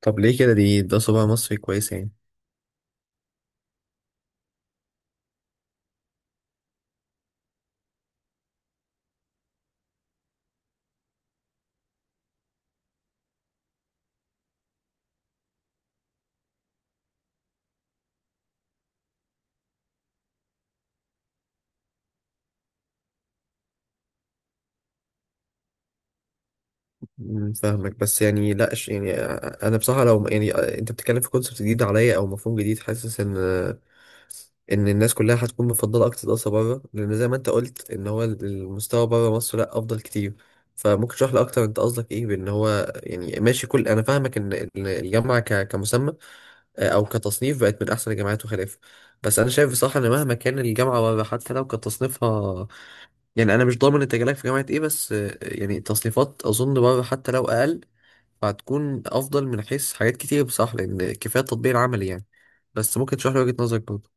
طب ليه كده، ده صباع مصري كويس يعني؟ فاهمك. بس يعني لا، يعني انا بصراحه، لو يعني انت بتتكلم في كونسبت جديد عليا او مفهوم جديد، حاسس ان الناس كلها هتكون مفضله اكتر دراسه بره، لان زي ما انت قلت ان هو المستوى بره مصر لا، افضل كتير. فممكن تشرح لي اكتر؟ انت قصدك ايه؟ بان هو يعني ماشي، كل انا فاهمك إن الجامعه كمسمى او كتصنيف، بقت من احسن الجامعات وخلافه. بس انا شايف بصراحه ان مهما كان الجامعه بره، حتى لو كتصنيفها، يعني انا مش ضامن انت جالك في جامعه ايه، بس يعني تصنيفات اظن برضه حتى لو اقل، فهتكون افضل من حيث حاجات كتير بصراحه، لان كفايه التطبيق العملي يعني. بس ممكن تشرح لي وجهه نظرك برضه؟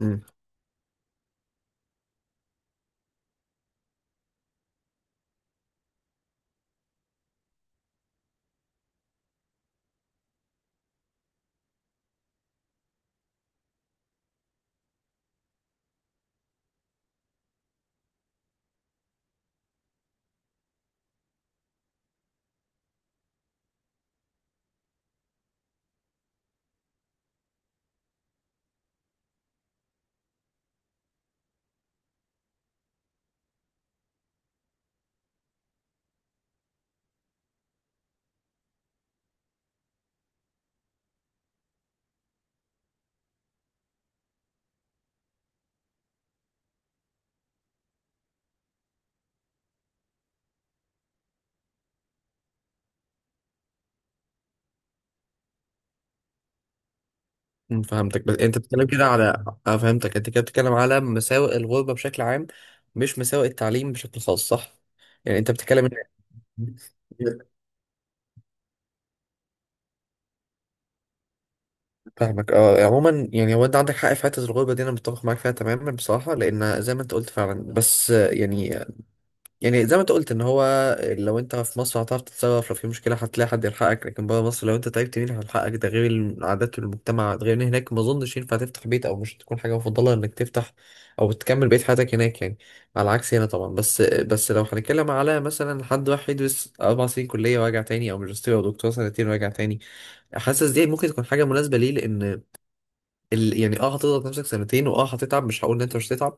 امم أمم، فهمتك. بس انت بتتكلم كده على، فهمتك، انت كده بتتكلم على مساوئ الغربة بشكل عام، مش مساوئ التعليم بشكل خاص، صح؟ يعني انت بتتكلم إن- فاهمك، اه. عموما يعني هو انت عندك حق في حته الغربه دي، انا متفق معاك فيها تماما بصراحه، لان زي ما انت قلت فعلا. بس يعني زي ما انت قلت ان هو، لو انت في مصر هتعرف تتصرف، لو في مشكله هتلاقي حد يلحقك، لكن بره مصر لو انت تعبت مين هيلحقك؟ ده غير العادات والمجتمع، غير ان هناك ما اظنش ينفع تفتح بيت، او مش تكون حاجه مفضله انك تفتح او تكمل بقيه حياتك هناك يعني، على عكس هنا طبعا. بس لو هنتكلم على مثلا حد راح يدرس اربع سنين كليه وراجع تاني، او ماجستير او دكتوراه سنتين وراجع تاني، حاسس دي ممكن تكون حاجه مناسبه ليه، لان يعني هتضغط نفسك سنتين، واه هتتعب، مش هقول ان انت مش هتتعب،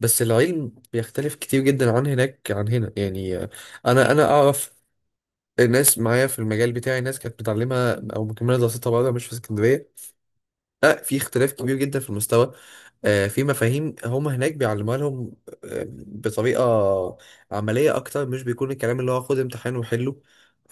بس العلم بيختلف كتير جدا عن هناك عن هنا يعني. انا اعرف ناس معايا في المجال بتاعي، ناس كانت بتعلمها او مكمله دراستها بره مش في اسكندريه، لا. في اختلاف كبير جدا في المستوى، في مفاهيم هم هناك بيعلموها لهم بطريقة عملية أكتر، مش بيكون الكلام اللي هو خد امتحان وحله.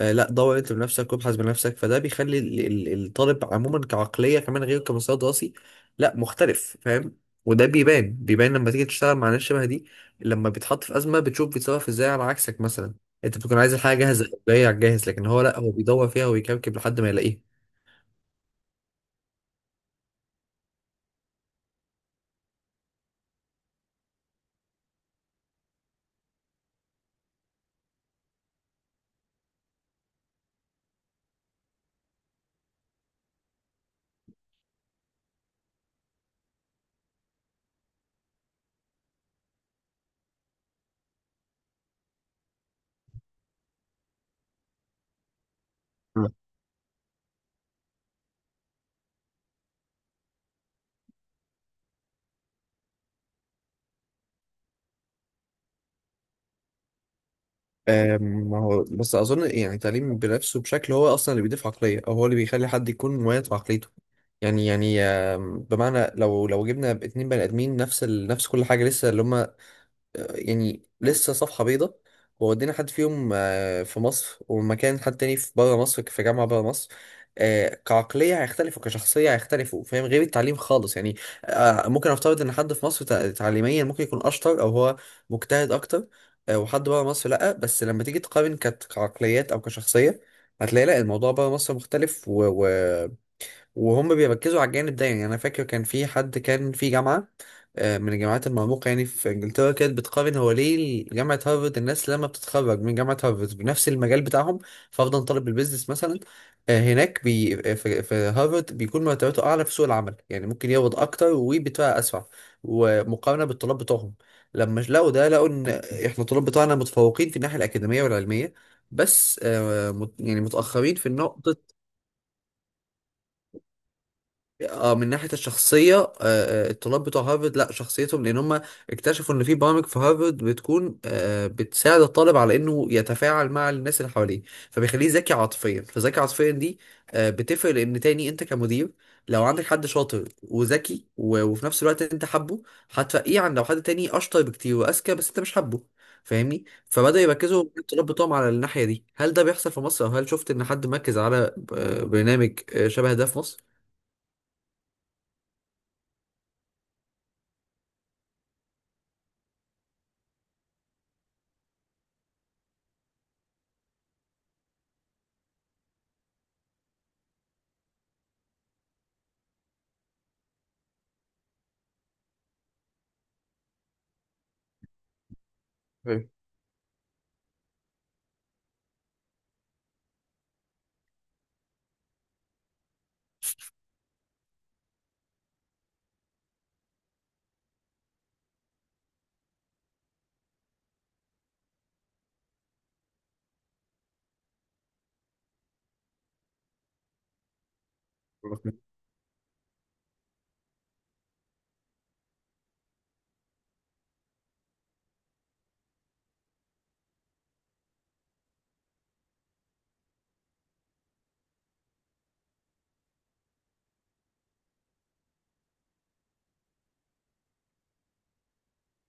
لا، دور أنت بنفسك وابحث بنفسك، فده بيخلي الطالب عموما كعقلية كمان، غير كمستوى دراسي لا مختلف، فاهم؟ وده بيبان بيبان لما تيجي تشتغل مع ناس شبه دي، لما بيتحط في أزمة بتشوف بيتصرف إزاي على عكسك. مثلا أنت بتكون عايز الحاجة جاهزة جاية على الجاهز، لكن هو لا، هو بيدور فيها ويكركب لحد ما يلاقيها. آم، ما هو بس اظن يعني التعليم بنفسه بشكل هو اصلا اللي بيضيف عقليه، او هو اللي بيخلي حد يكون مميز بعقليته يعني. يعني بمعنى، لو جبنا اتنين بني ادمين نفس نفس كل حاجه، لسه اللي هم يعني لسه صفحة بيضة، وودينا حد فيهم في مصر، ومكان حد تاني في بره مصر في جامعة بره مصر، كعقلية هيختلفوا، كشخصية هيختلفوا، فاهم؟ غير التعليم خالص يعني. ممكن أفترض إن حد في مصر تعليميا ممكن يكون أشطر، أو هو مجتهد أكتر، وحد بره مصر لأ. بس لما تيجي تقارن كعقليات أو كشخصية، هتلاقي لأ، الموضوع بره مصر مختلف، وهم بيركزوا على الجانب ده. يعني انا فاكر كان في حد كان في جامعه، من الجامعات المرموقه يعني، في انجلترا، كانت بتقارن هو ليه جامعه هارفارد، الناس لما بتتخرج من جامعه هارفارد بنفس المجال بتاعهم، فرضا طالب البيزنس مثلا، هناك، بي آه، في هارفارد، بيكون مرتباته اعلى في سوق العمل، يعني ممكن يقبض اكتر وبيترقى اسرع، ومقارنه بالطلاب بتوعهم. لما لقوا ده لقوا ان احنا الطلاب بتوعنا متفوقين في الناحيه الاكاديميه والعلميه، بس يعني متاخرين في النقطه، اه، من ناحية الشخصية. الطلاب بتوع هارفرد لا، شخصيتهم، لأن هم اكتشفوا إن في برامج في هارفرد بتكون بتساعد الطالب على إنه يتفاعل مع الناس اللي حواليه، فبيخليه ذكي عاطفيا. فذكي عاطفيا دي بتفرق، لأن تاني أنت كمدير، لو عندك حد شاطر وذكي، وفي نفس الوقت أنت حابه، هتفقيه عن لو حد تاني أشطر بكتير وأذكى بس أنت مش حابه، فاهمني؟ فبدأوا يركزوا الطلاب بتوعهم على الناحية دي. هل ده بيحصل في مصر؟ أو هل شفت إن حد مركز على برنامج شبه ده في مصر؟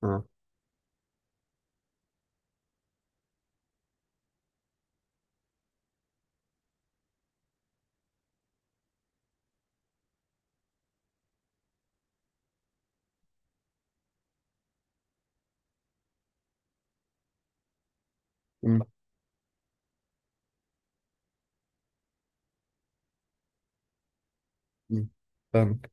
اه. مم. مم. فاهمك.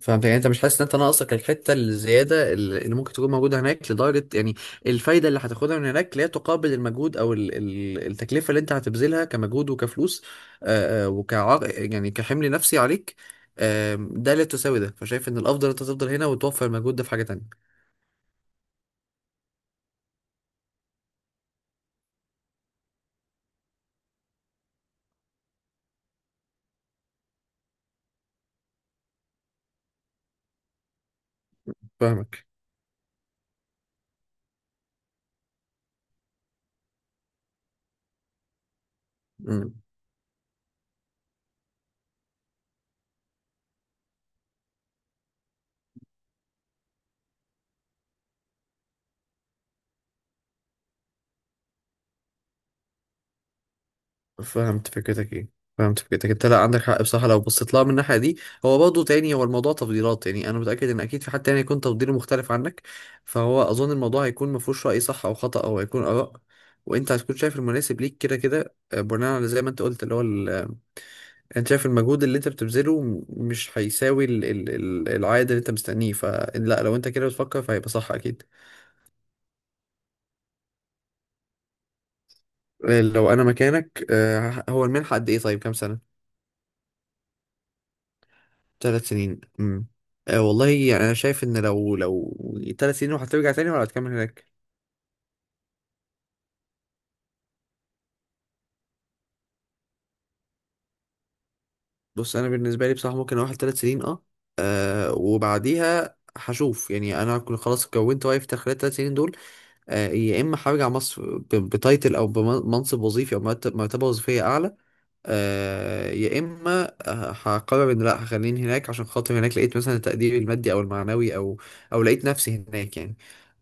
فاهمك، يعني انت مش حاسس ان انت ناقصك الحته الزياده اللي ممكن تكون موجوده هناك، لدرجه يعني الفايده اللي هتاخدها من هناك لا تقابل المجهود او التكلفه اللي انت هتبذلها، كمجهود وكفلوس، وكعر يعني كحمل نفسي عليك، ده لا تساوي ده. فشايف ان الافضل انت تفضل هنا، وتوفر المجهود ده في حاجه تانية. فاهمك. فهمت فكرتك. ايه، فهمت فكرتك، انت لا عندك حق بصراحه لو بصيت لها من الناحيه دي. هو برضه تاني، هو الموضوع تفضيلات، يعني انا متاكد ان اكيد في حد تاني يكون تفضيله مختلف عنك. فهو اظن الموضوع هيكون ما فيهوش راي صح او خطا، او هيكون اراء، وانت هتكون شايف المناسب ليك كده كده، بناء على زي ما انت قلت اللي هو انت شايف المجهود اللي انت بتبذله مش هيساوي العائد اللي انت مستنيه، فلا، لو انت كده بتفكر فهيبقى صح اكيد. لو انا مكانك، هو المنحه قد ايه؟ طيب كام سنه؟ ثلاث سنين. آه والله، يعني انا شايف ان لو ثلاث سنين، وهترجع تاني ولا هتكمل هناك؟ بص، انا بالنسبه لي بصراحه ممكن اروح ثلاث سنين، اه. وبعديها هشوف، يعني انا هكون خلاص كونت وايف خلال الثلاث سنين دول. آه، يا اما هرجع مصر بتايتل او بمنصب وظيفي او مرتبه وظيفيه اعلى، آه، يا اما هقرر ان لا، هخليني هناك عشان خاطر هناك لقيت مثلا التقدير المادي او المعنوي او او لقيت نفسي هناك يعني،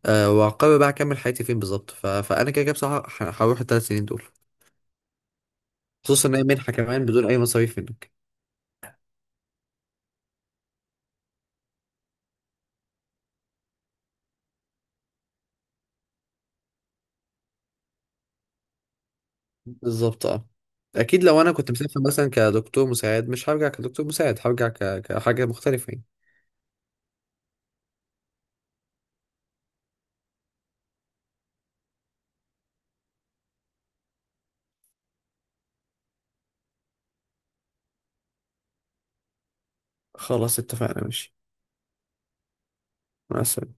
آه. وهقرر بقى اكمل حياتي فين بالظبط. فانا كده كده بصراحه هروح الثلاث سنين دول، خصوصا ان هي منحه كمان بدون اي مصاريف منك. بالظبط، اه. اكيد لو انا كنت مسافر مثلا كدكتور مساعد، مش هرجع كدكتور مساعد، هرجع كحاجه مختلفه يعني. خلاص اتفقنا، ماشي. مع السلامه.